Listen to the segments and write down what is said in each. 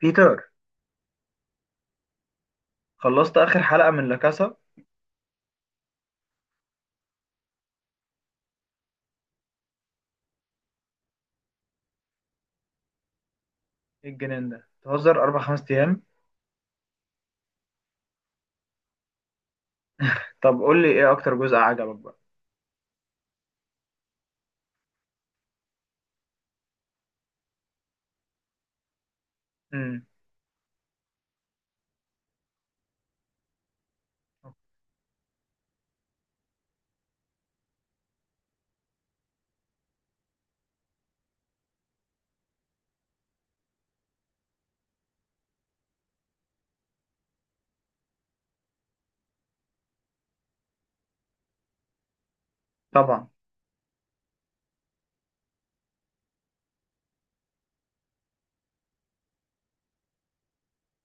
بيتر، خلصت آخر حلقة من لاكاسا. إيه الجنان ده؟ تهزر أربع خمس أيام؟ طب قول لي إيه أكتر جزء عجبك بقى. امم. طبعا.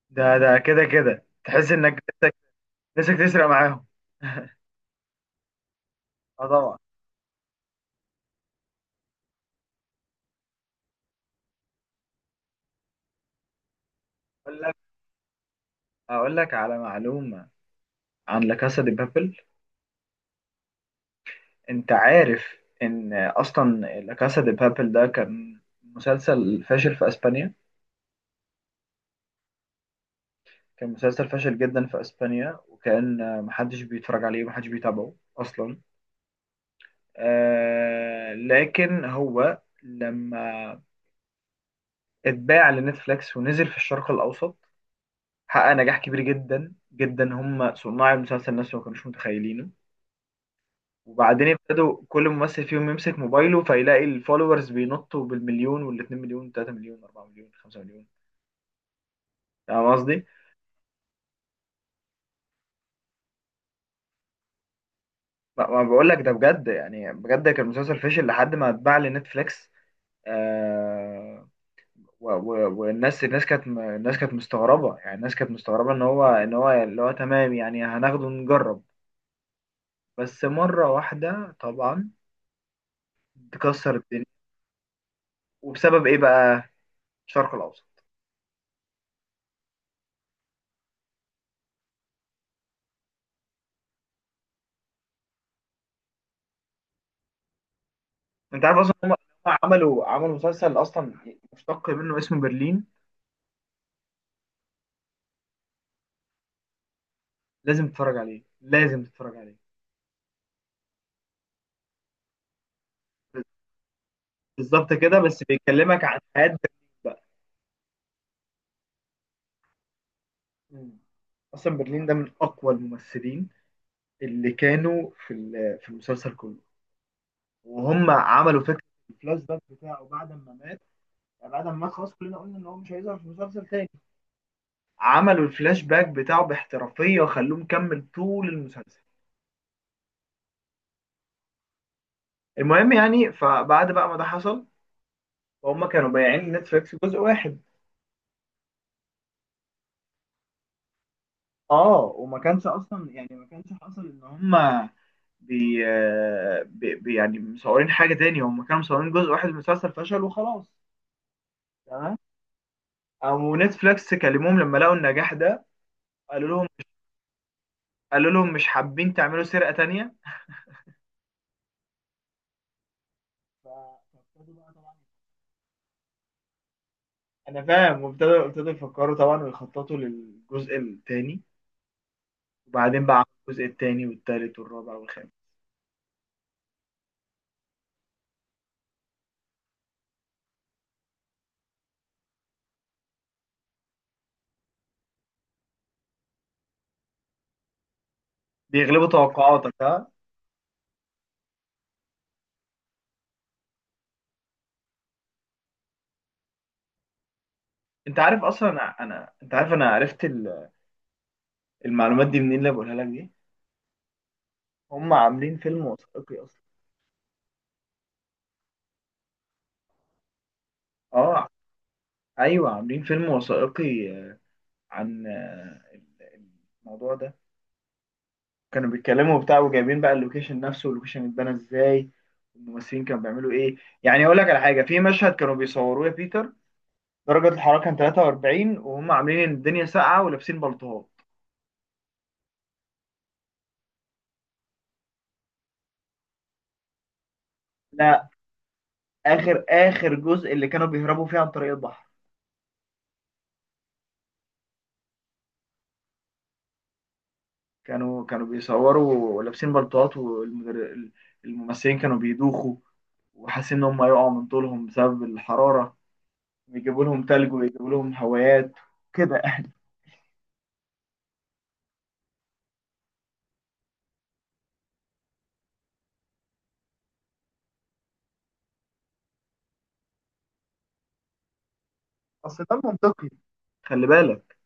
ده كده كده تحس إنك نفسك تسرق معاهم. اه طبعا. اقول لك اقول لك على معلومه عن لا كاسا دي بابل. انت عارف ان اصلا لا كاسا دي بابل ده كان مسلسل فاشل في اسبانيا. كان مسلسل فاشل جدا في اسبانيا، وكان محدش بيتفرج عليه ومحدش بيتابعه اصلا. لكن هو لما اتباع لنتفليكس ونزل في الشرق الأوسط حقق نجاح كبير جدا جدا. هم صناع المسلسل نفسه ما كانوش متخيلينه. وبعدين ابتدوا كل ممثل فيهم يمسك موبايله فيلاقي الفولورز بينطوا بالمليون والاتنين مليون وتلاتة مليون واربعة مليون خمسة مليون. فاهم قصدي؟ ما بقول لك ده بجد، يعني بجد كان المسلسل فشل لحد ما اتباع لنتفليكس. آه و- و- والناس الناس كانت م- الناس كانت مستغربة، يعني الناس كانت مستغربة ان هو اللي هو تمام، يعني هناخده ونجرب بس مرة واحدة. طبعا تكسر الدنيا. وبسبب ايه بقى؟ الشرق الاوسط. انت عارف اصلا هم عملوا مسلسل اصلا مشتق منه اسمه برلين. لازم تتفرج عليه، لازم تتفرج عليه. بالظبط كده، بس بيكلمك عن حياة برلين بقى. مم. اصلا برلين ده من اقوى الممثلين اللي كانوا في المسلسل كله. وهم عملوا فكره الفلاش باك بتاعه بعد ما مات. يعني بعد ما مات خلاص كلنا قلنا ان هو مش هيظهر في المسلسل تاني. عملوا الفلاش باك بتاعه باحترافيه وخلوه مكمل طول المسلسل. المهم يعني فبعد بقى ما ده حصل، فهم كانوا بايعين نتفليكس جزء واحد. اه وما كانش اصلا، يعني ما كانش حصل ان هم بي, يعني مصورين حاجه تاني. هم كانوا مصورين جزء واحد من المسلسل، فشل وخلاص. تمام. او نتفليكس كلموهم لما لقوا النجاح ده، قالوا قالوا لهم مش حابين تعملوا سرقة تانية؟ ف- فابتدوا بقى طبعا. يعني انا فاهم، وابتدوا يفكروا طبعا ويخططوا للجزء التاني. وبعدين بقى عملوا الجزء التاني والتالت والرابع والخامس. بيغلبوا توقعاتك ها. انت عارف اصلا انا انت عارف انا عرفت المعلومات دي منين اللي بقولها لك دي. هم عاملين فيلم وثائقي اصلا. اه ايوه عاملين فيلم وثائقي عن الموضوع ده. كانوا بيتكلموا وبتاع، وجايبين بقى اللوكيشن نفسه واللوكيشن اتبنى ازاي، والممثلين كانوا بيعملوا ايه. يعني اقول لك على حاجه، في مشهد كانوا بيصوروه يا بيتر، درجه الحراره كان 43 وهم عاملين الدنيا ساقعه ولابسين بلطوات. لا، اخر جزء اللي كانوا بيهربوا فيه عن طريق البحر. كانوا بيصوروا ولابسين بلطوات، والممثلين كانوا بيدوخوا وحاسين ان هم هيقعوا من طولهم بسبب الحراره. بيجيبوا لهم تلج ويجيبوا لهم هوايات كده يعني. اصل ده منطقي. خلي بالك،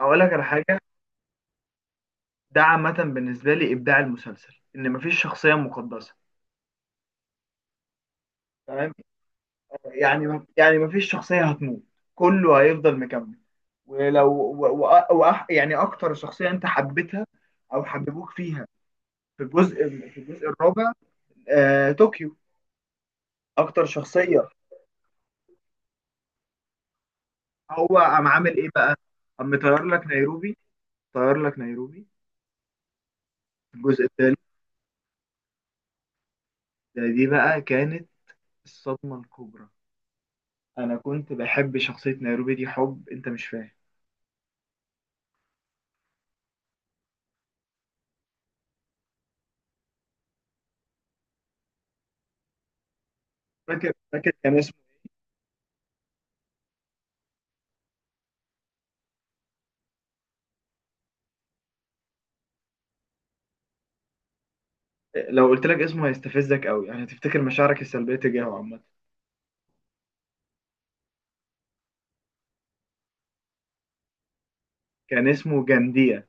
اقول لك على حاجه، ده عامة بالنسبة لي إبداع المسلسل إن مفيش شخصية مقدسة. تمام. يعني مفيش شخصية هتموت، كله هيفضل مكمل. ولو يعني أكتر شخصية أنت حبيتها أو حببوك فيها في الجزء، في الجزء الرابع، طوكيو، أكتر شخصية. هو قام عامل إيه بقى؟ قام مطير لك نيروبي، طير لك نيروبي. في الجزء الثالث ده، دي بقى كانت الصدمة الكبرى. أنا كنت بحب شخصية نيروبي دي حب أنت مش فاهم. فاكر كان اسمه. لو قلت لك اسمه هيستفزك قوي، يعني هتفتكر مشاعرك السلبيه تجاهه عامه. كان اسمه جانديا.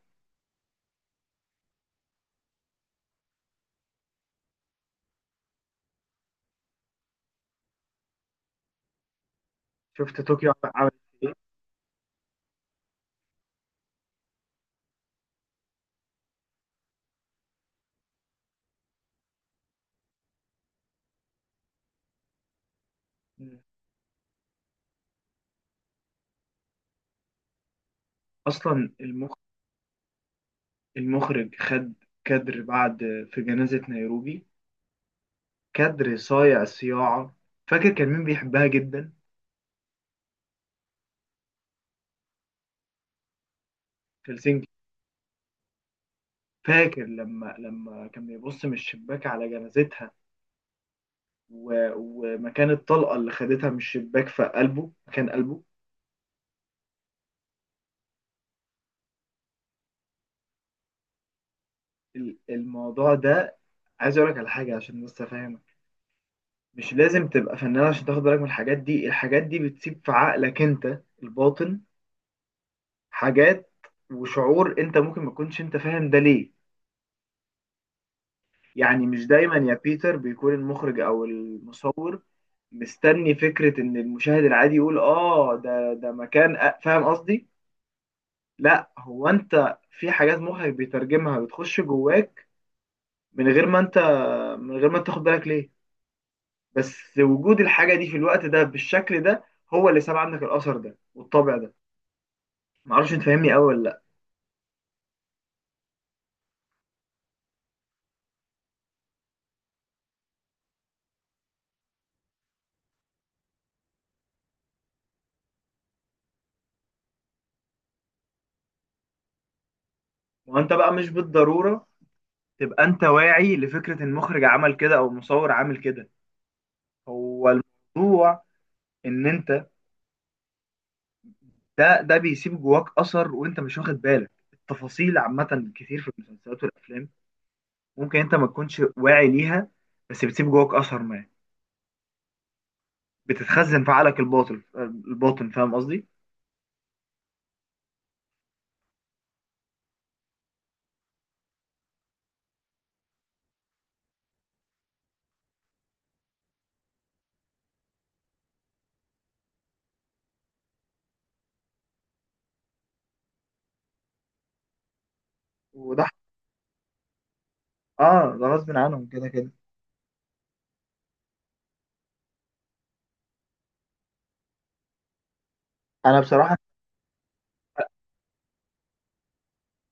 شفت طوكيو عمل ايه؟ اصلا المخرج خد كادر بعد في جنازه نيروبي، كادر صايع صياعه. فاكر كان مين بيحبها جدا؟ هلسنكي. فاكر لما كان بيبص من الشباك على جنازتها، ومكان الطلقه اللي خدتها من الشباك في قلبه مكان قلبه. الموضوع ده، عايز اقول لك على حاجه عشان بس افهم. مش لازم تبقى فنان عشان تاخد بالك من الحاجات دي. الحاجات دي بتسيب في عقلك انت الباطن حاجات وشعور انت ممكن ما تكونش انت فاهم ده ليه. يعني مش دايما يا بيتر بيكون المخرج او المصور مستني فكرة ان المشاهد العادي يقول اه ده مكان فاهم قصدي. لا، هو انت في حاجات مخك بيترجمها بتخش جواك من غير ما من غير ما تاخد بالك ليه. بس وجود الحاجة دي في الوقت ده بالشكل ده هو اللي ساب عنك الأثر ده والطبع ده. معرفش انت فاهمني قوي ولا لا. وانت بقى مش بالضروره تبقى انت واعي لفكره المخرج عمل كده او المصور عامل كده. هو الموضوع ان انت ده بيسيب جواك اثر، وانت مش واخد بالك التفاصيل. عامه كتير في المسلسلات والافلام ممكن انت ما تكونش واعي ليها، بس بتسيب جواك اثر، ما بتتخزن في عقلك الباطن، فاهم قصدي. وده اه ده غصب عنهم كده كده. انا بصراحه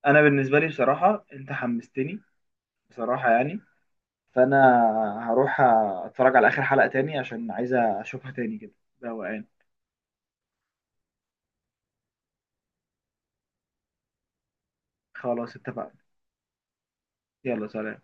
انا بالنسبه لي بصراحه، انت حمستني. بصراحه يعني. فانا هروح اتفرج على اخر حلقة تاني عشان عايز اشوفها تاني كده بقى. خلاص اتفقنا. يلا سلام.